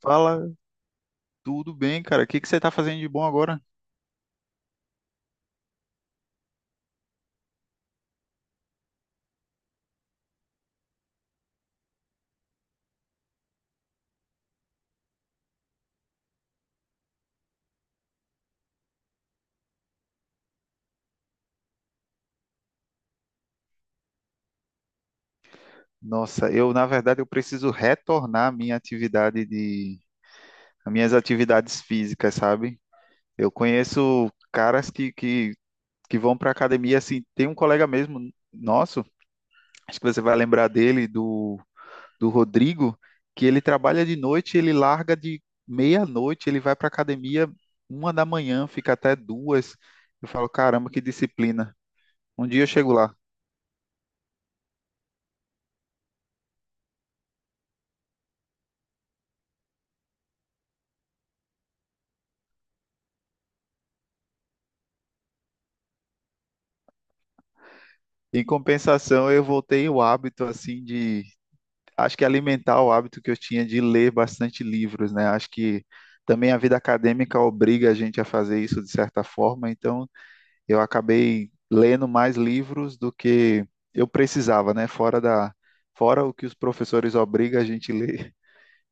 Fala, tudo bem, cara? O que que você está fazendo de bom agora? Nossa, eu, na verdade, eu preciso retornar à minha atividade de, às minhas atividades físicas, sabe? Eu conheço caras que vão para academia, assim, tem um colega mesmo nosso, acho que você vai lembrar dele, do Rodrigo, que ele trabalha de noite, ele larga de meia-noite, ele vai para academia 1 da manhã, fica até duas. Eu falo, caramba, que disciplina. Um dia eu chego lá. Em compensação, eu voltei o hábito assim de, acho que alimentar o hábito que eu tinha de ler bastante livros, né? Acho que também a vida acadêmica obriga a gente a fazer isso de certa forma, então eu acabei lendo mais livros do que eu precisava, né? Fora da, fora o que os professores obrigam a gente ler.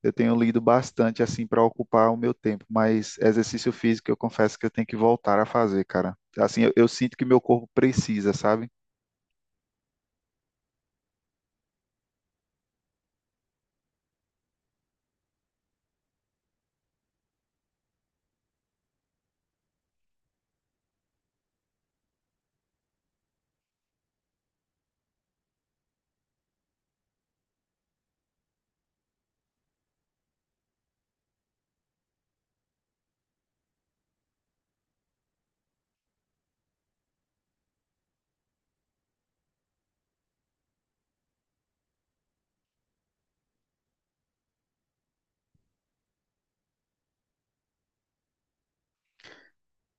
Eu tenho lido bastante assim para ocupar o meu tempo, mas exercício físico eu confesso que eu tenho que voltar a fazer, cara. Assim, eu sinto que meu corpo precisa, sabe?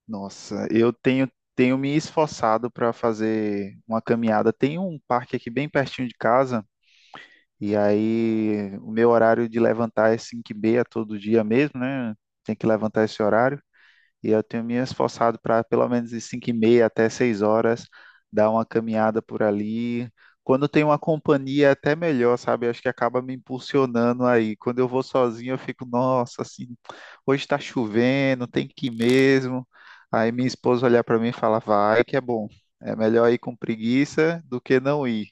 Nossa, eu tenho me esforçado para fazer uma caminhada. Tem um parque aqui bem pertinho de casa, e aí o meu horário de levantar é 5h30 todo dia mesmo, né? Tem que levantar esse horário. E eu tenho me esforçado para pelo menos de 5h30 até 6 horas dar uma caminhada por ali. Quando tem uma companhia, é até melhor, sabe? Eu acho que acaba me impulsionando aí. Quando eu vou sozinho, eu fico, nossa, assim, hoje está chovendo, tem que ir mesmo. Aí minha esposa olhar para mim e falar, vai, que é bom. É melhor ir com preguiça do que não ir.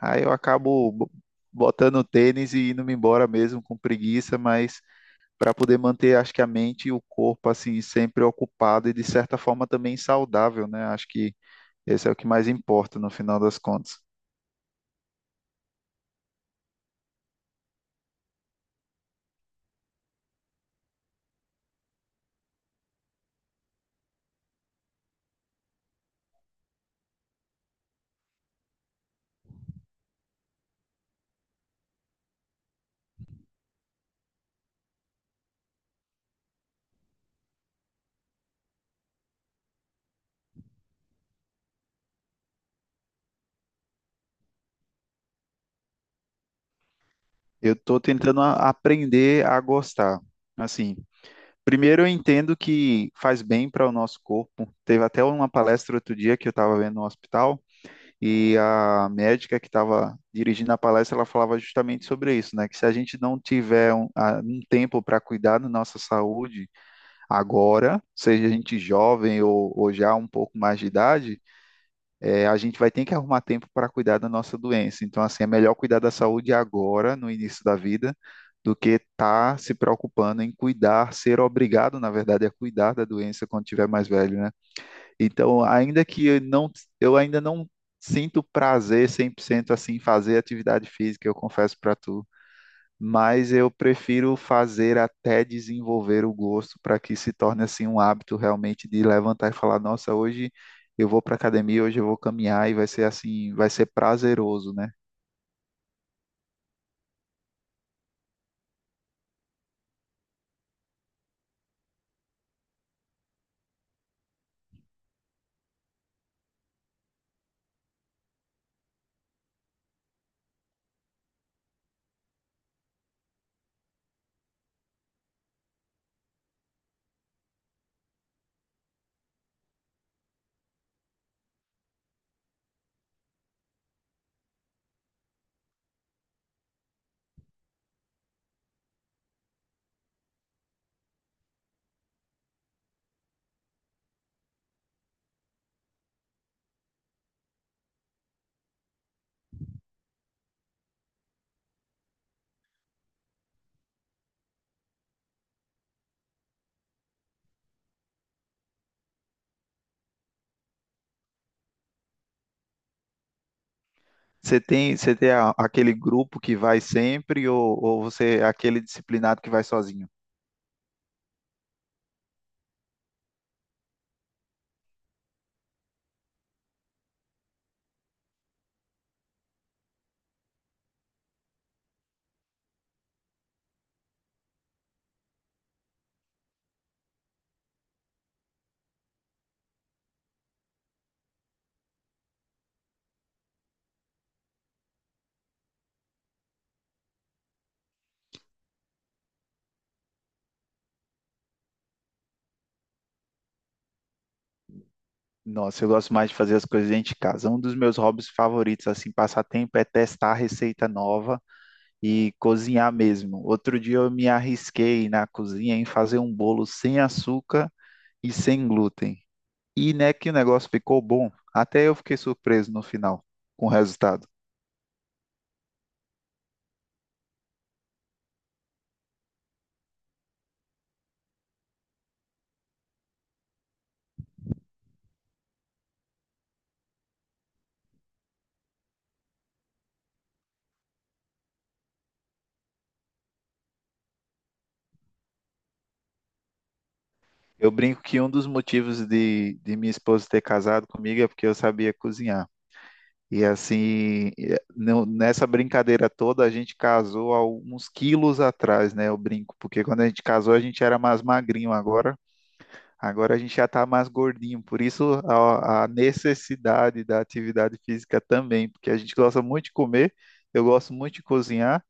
Aí eu acabo botando o tênis e indo-me embora mesmo com preguiça, mas para poder manter, acho que a mente e o corpo assim sempre ocupado e de certa forma também saudável, né? Acho que esse é o que mais importa no final das contas. Eu estou tentando aprender a gostar. Assim, primeiro eu entendo que faz bem para o nosso corpo. Teve até uma palestra outro dia que eu estava vendo no hospital e a médica que estava dirigindo a palestra, ela falava justamente sobre isso, né? Que se a gente não tiver um tempo para cuidar da nossa saúde agora, seja a gente jovem ou já um pouco mais de idade, é, a gente vai ter que arrumar tempo para cuidar da nossa doença. Então, assim, é melhor cuidar da saúde agora, no início da vida, do que estar tá se preocupando em cuidar, ser obrigado, na verdade, a cuidar da doença quando tiver mais velho, né? Então, ainda que eu não, eu ainda não sinto prazer 100% assim em fazer atividade física, eu confesso para tu, mas eu prefiro fazer até desenvolver o gosto para que se torne assim um hábito realmente de levantar e falar, nossa, hoje eu vou para academia, hoje eu vou caminhar e vai ser assim, vai ser prazeroso, né? Você tem aquele grupo que vai sempre ou você é aquele disciplinado que vai sozinho? Nossa, eu gosto mais de fazer as coisas dentro de casa. Um dos meus hobbies favoritos, assim, passar tempo é testar receita nova e cozinhar mesmo. Outro dia eu me arrisquei na cozinha em fazer um bolo sem açúcar e sem glúten. E né, que o negócio ficou bom. Até eu fiquei surpreso no final com o resultado. Eu brinco que um dos motivos de minha esposa ter casado comigo é porque eu sabia cozinhar. E assim, eh, nessa brincadeira toda, a gente casou há uns quilos atrás, né? Eu brinco, porque quando a gente casou, a gente era mais magrinho. Agora a gente já está mais gordinho, por isso a necessidade da atividade física também, porque a gente gosta muito de comer, eu gosto muito de cozinhar,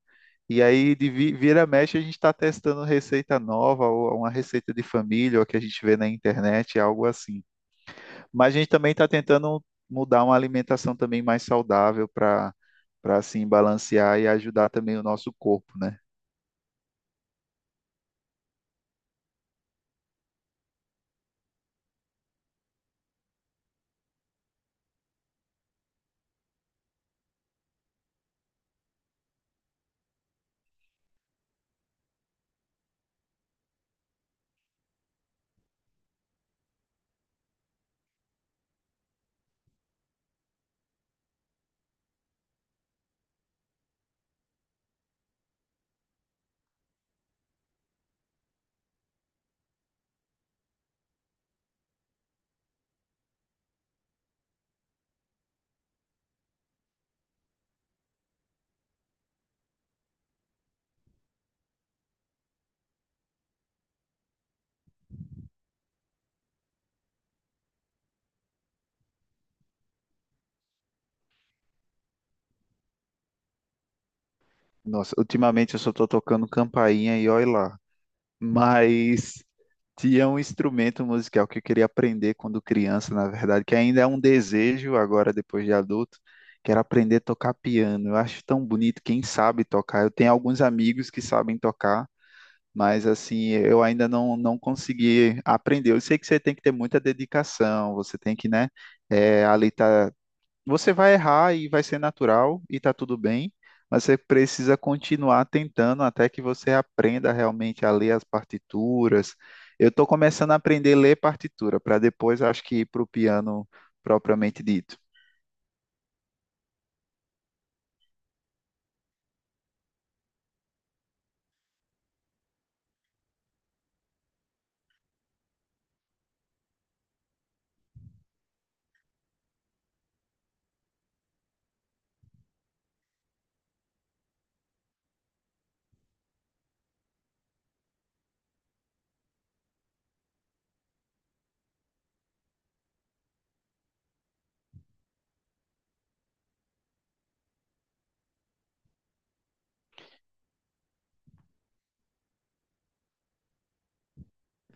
e aí de vira mexe a gente está testando receita nova, ou uma receita de família, ou a que a gente vê na internet, algo assim. Mas a gente também está tentando mudar uma alimentação também mais saudável para assim balancear e ajudar também o nosso corpo, né? Nossa, ultimamente eu só estou tocando campainha e olha lá. Mas tinha um instrumento musical que eu queria aprender quando criança, na verdade, que ainda é um desejo agora, depois de adulto, que era aprender a tocar piano. Eu acho tão bonito quem sabe tocar. Eu tenho alguns amigos que sabem tocar, mas assim, eu ainda não consegui aprender. Eu sei que você tem que ter muita dedicação, você tem que, né, eh, ali tá você vai errar e vai ser natural e tá tudo bem, mas você precisa continuar tentando até que você aprenda realmente a ler as partituras. Eu estou começando a aprender a ler partitura, para depois acho que ir para o piano propriamente dito.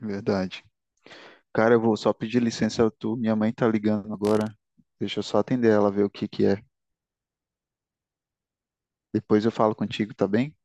Verdade. Cara, eu vou só pedir licença, tu, minha mãe tá ligando agora. Deixa eu só atender ela, ver o que que é. Depois eu falo contigo, tá bem?